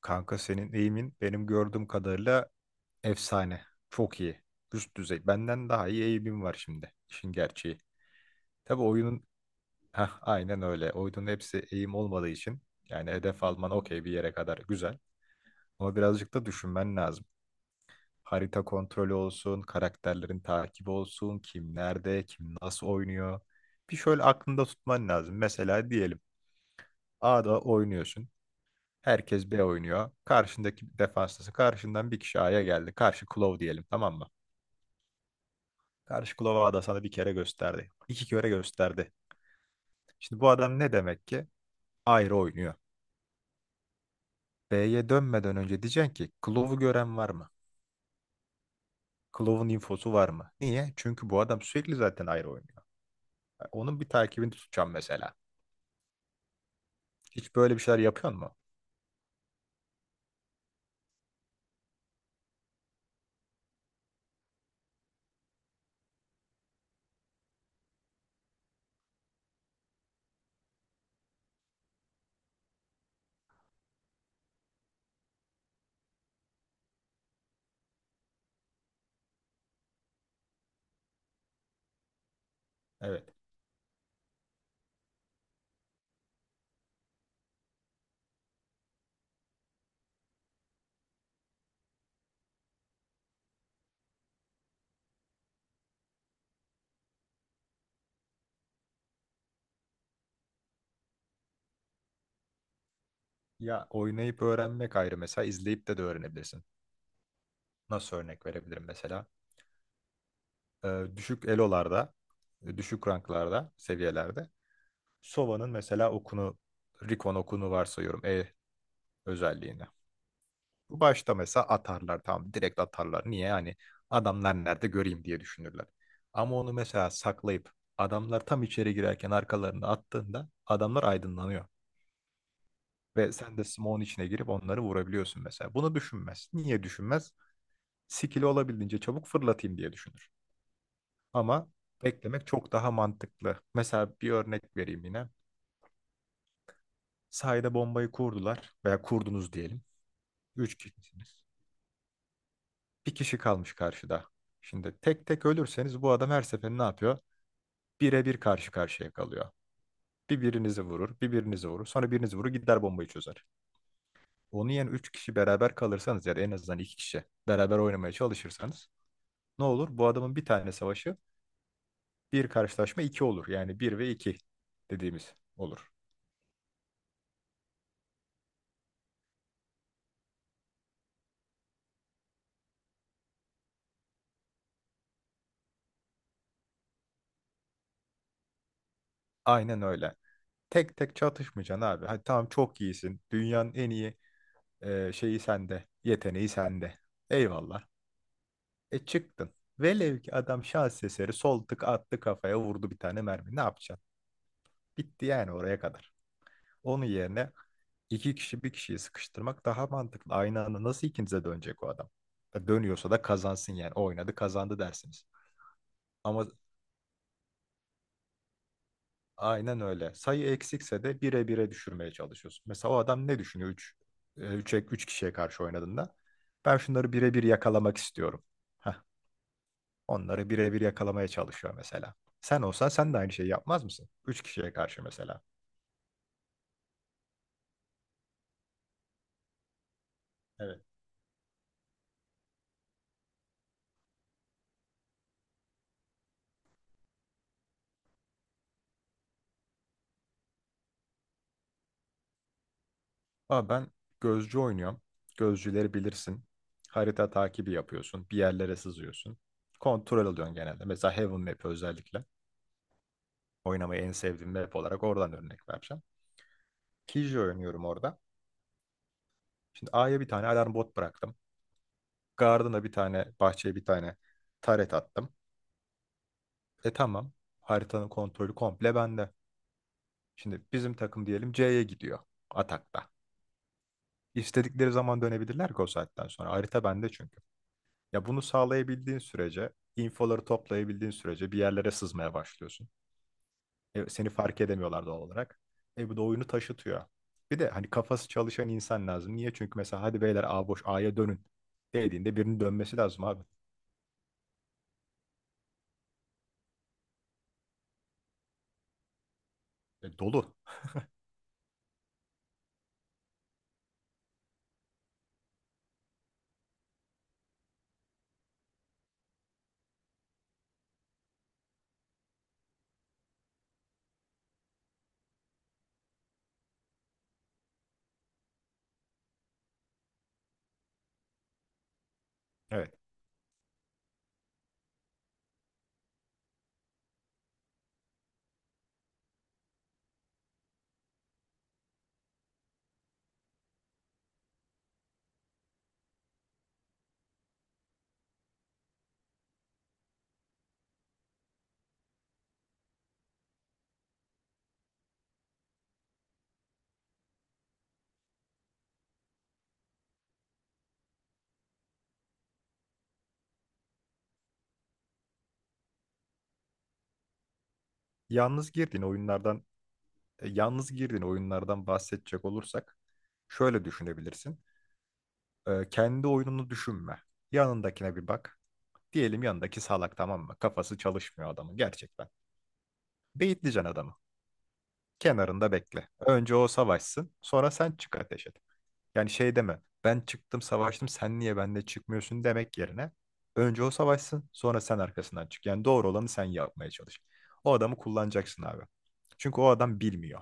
Kanka senin eğimin benim gördüğüm kadarıyla efsane. Çok iyi. Üst düzey. Benden daha iyi eğimim var şimdi. İşin gerçeği. Tabii oyunun aynen öyle. Oyunun hepsi eğim olmadığı için yani hedef alman okey bir yere kadar güzel. Ama birazcık da düşünmen lazım. Harita kontrolü olsun, karakterlerin takibi olsun, kim nerede, kim nasıl oynuyor. Bir şöyle aklında tutman lazım. Mesela diyelim A'da oynuyorsun. Herkes B oynuyor. Karşındaki defanstası. Karşından bir kişi A'ya geldi. Karşı Klov diyelim, tamam mı? Karşı Klov'a ada sana bir kere gösterdi. İki kere gösterdi. Şimdi bu adam ne demek ki? Ayrı oynuyor. B'ye dönmeden önce diyeceksin ki Klov'u gören var mı? Klov'un infosu var mı? Niye? Çünkü bu adam sürekli zaten ayrı oynuyor. Yani onun bir takibini tutacağım mesela. Hiç böyle bir şeyler yapıyor mu? Evet. Ya oynayıp öğrenmek ayrı, mesela izleyip de de öğrenebilirsin. Nasıl örnek verebilirim mesela? Düşük elolarda, düşük ranklarda, seviyelerde. Sova'nın mesela okunu, Rikon okunu varsayıyorum E özelliğini. Bu başta mesela atarlar, tamam, direkt atarlar. Niye? Hani adamlar nerede göreyim diye düşünürler. Ama onu mesela saklayıp adamlar tam içeri girerken arkalarını attığında adamlar aydınlanıyor. Ve sen de smoke'un içine girip onları vurabiliyorsun mesela. Bunu düşünmez. Niye düşünmez? Skill'i olabildiğince çabuk fırlatayım diye düşünür. Ama beklemek çok daha mantıklı. Mesela bir örnek vereyim yine. Sahada bombayı kurdular veya kurdunuz diyelim. Üç kişisiniz. Bir kişi kalmış karşıda. Şimdi tek tek ölürseniz bu adam her seferinde ne yapıyor? Bire bir karşı karşıya kalıyor. Bir birinizi vurur, bir birinizi vurur. Sonra birinizi vurur, gider bombayı çözer. Onu yani üç kişi beraber kalırsanız, yani en azından iki kişi beraber oynamaya çalışırsanız ne olur? Bu adamın bir tane savaşı, bir karşılaşma iki olur. Yani bir ve iki dediğimiz olur. Aynen öyle. Tek tek çatışmayacaksın abi. Hadi tamam, çok iyisin. Dünyanın en iyi şeyi sende. Yeteneği sende. Eyvallah. E çıktın. Velev ki adam şans eseri sol tık attı, kafaya vurdu bir tane mermi. Ne yapacaksın? Bitti yani oraya kadar. Onun yerine iki kişi bir kişiyi sıkıştırmak daha mantıklı. Aynı anda nasıl ikinize dönecek o adam? Ya dönüyorsa da kazansın yani. O oynadı, kazandı dersiniz. Ama aynen öyle. Sayı eksikse de bire bire düşürmeye çalışıyorsun. Mesela o adam ne düşünüyor üç kişiye karşı oynadığında? Ben şunları birebir yakalamak istiyorum. Heh, onları birebir yakalamaya çalışıyor mesela. Sen olsan sen de aynı şeyi yapmaz mısın? 3 kişiye karşı mesela. Evet. Abi ben gözcü oynuyorum. Gözcüleri bilirsin. Harita takibi yapıyorsun. Bir yerlere sızıyorsun. Kontrol alıyorsun genelde. Mesela Heaven Map özellikle. Oynamayı en sevdiğim map olarak oradan örnek vereceğim. Killjoy oynuyorum orada. Şimdi A'ya bir tane alarm bot bıraktım. Garden'a bir tane, bahçeye bir tane turret attım. E tamam. Haritanın kontrolü komple bende. Şimdi bizim takım diyelim C'ye gidiyor atakta. İstedikleri zaman dönebilirler ki o saatten sonra. Harita bende çünkü. Ya bunu sağlayabildiğin sürece, infoları toplayabildiğin sürece bir yerlere sızmaya başlıyorsun. E, seni fark edemiyorlar doğal olarak. E bu da oyunu taşıtıyor. Bir de hani kafası çalışan insan lazım. Niye? Çünkü mesela hadi beyler, A boş, A'ya dönün dediğinde birinin dönmesi lazım abi. E, dolu. Evet. Yalnız girdiğin oyunlardan Yalnız girdiğin oyunlardan bahsedecek olursak şöyle düşünebilirsin. Kendi oyununu düşünme. Yanındakine bir bak. Diyelim yanındaki salak, tamam mı? Kafası çalışmıyor adamın gerçekten. Beyitleyeceksin adamı. Kenarında bekle. Önce o savaşsın, sonra sen çık ateş et. Yani şey deme, ben çıktım savaştım, sen niye benimle çıkmıyorsun demek yerine önce o savaşsın, sonra sen arkasından çık. Yani doğru olanı sen yapmaya çalış. O adamı kullanacaksın abi. Çünkü o adam bilmiyor.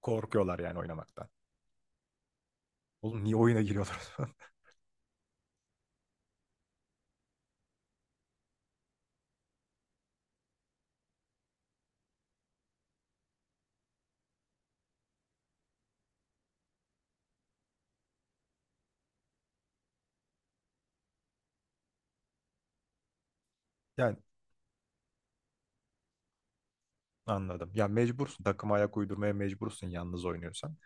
Korkuyorlar yani oynamaktan. Oğlum niye oyuna giriyorlar? Yani anladım. Ya mecbursun, takıma ayak uydurmaya mecbursun yalnız oynuyorsan.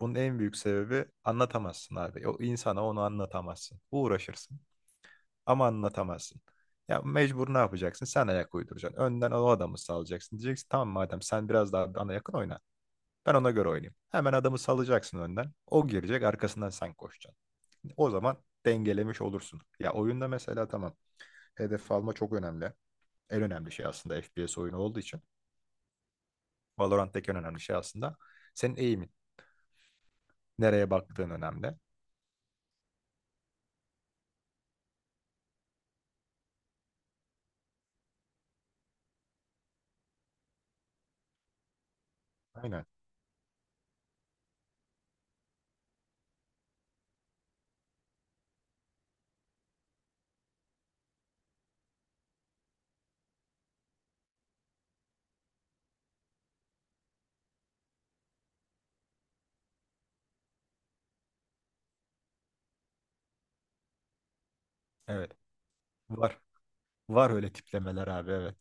Bunun en büyük sebebi, anlatamazsın abi. O insana onu anlatamazsın. Uğraşırsın. Ama anlatamazsın. Ya mecbur ne yapacaksın? Sen ayak uyduracaksın. Önden o adamı salacaksın. Diyeceksin tamam madem, sen biraz daha bana yakın oyna. Ben ona göre oynayayım. Hemen adamı salacaksın önden. O girecek, arkasından sen koşacaksın. O zaman dengelemiş olursun. Ya oyunda mesela tamam. Hedef alma çok önemli. En önemli şey aslında, FPS oyunu olduğu için. Valorant'taki en önemli şey aslında. Senin eğimin. Nereye baktığın önemli. Aynen. Evet. Var. Var öyle tiplemeler abi, evet.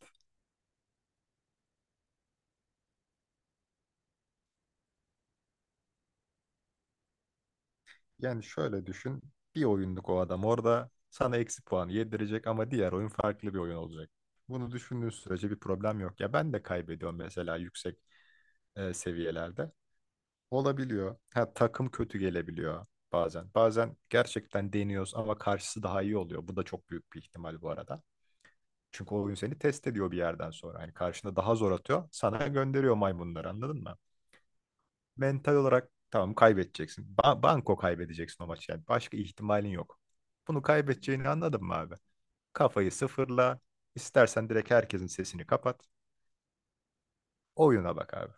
Yani şöyle düşün. Bir oyunluk o adam orada sana eksi puan yedirecek ama diğer oyun farklı bir oyun olacak. Bunu düşündüğün sürece bir problem yok. Ya ben de kaybediyorum mesela yüksek seviyelerde. Olabiliyor. Ha, takım kötü gelebiliyor bazen. Bazen gerçekten deniyoruz ama karşısı daha iyi oluyor. Bu da çok büyük bir ihtimal bu arada. Çünkü o oyun seni test ediyor bir yerden sonra. Yani karşına daha zor atıyor. Sana gönderiyor maymunları, anladın mı? Mental olarak tamam, kaybedeceksin. Banko kaybedeceksin o maçı yani. Başka ihtimalin yok. Bunu kaybedeceğini anladın mı abi? Kafayı sıfırla. İstersen direkt herkesin sesini kapat. Oyuna bak abi.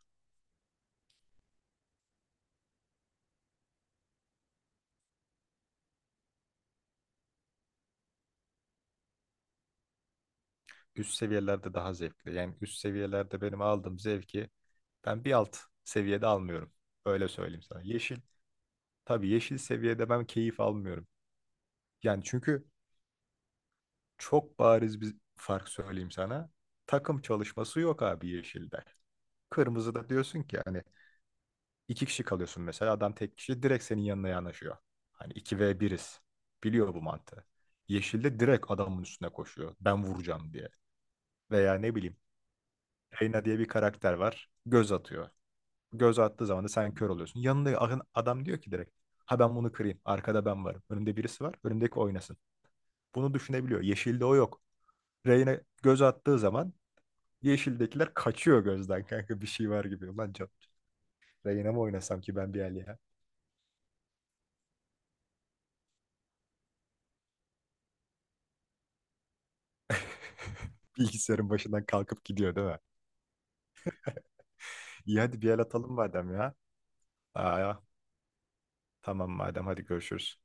Üst seviyelerde daha zevkli. Yani üst seviyelerde benim aldığım zevki ben bir alt seviyede almıyorum. Öyle söyleyeyim sana. Yeşil. Tabii yeşil seviyede ben keyif almıyorum. Yani çünkü çok bariz bir fark söyleyeyim sana. Takım çalışması yok abi yeşilde. Kırmızıda diyorsun ki hani İki kişi kalıyorsun mesela. Adam tek kişi direkt senin yanına yanaşıyor. Hani iki v biriz, biliyor bu mantığı. Yeşilde direkt adamın üstüne koşuyor. Ben vuracağım diye. Veya ne bileyim. Reyna diye bir karakter var. Göz atıyor. Göz attığı zaman da sen kör oluyorsun. Yanında adam diyor ki direkt. Ha ben bunu kırayım. Arkada ben varım. Önümde birisi var. Önümdeki oynasın. Bunu düşünebiliyor. Yeşilde o yok. Reyna göz attığı zaman yeşildekiler kaçıyor gözden kanka bir şey var gibi. Reyna mı oynasam ki ben bir el ya? Bilgisayarın başından kalkıp gidiyor değil mi? İyi hadi bir el atalım madem ya. Aa, tamam madem, hadi görüşürüz.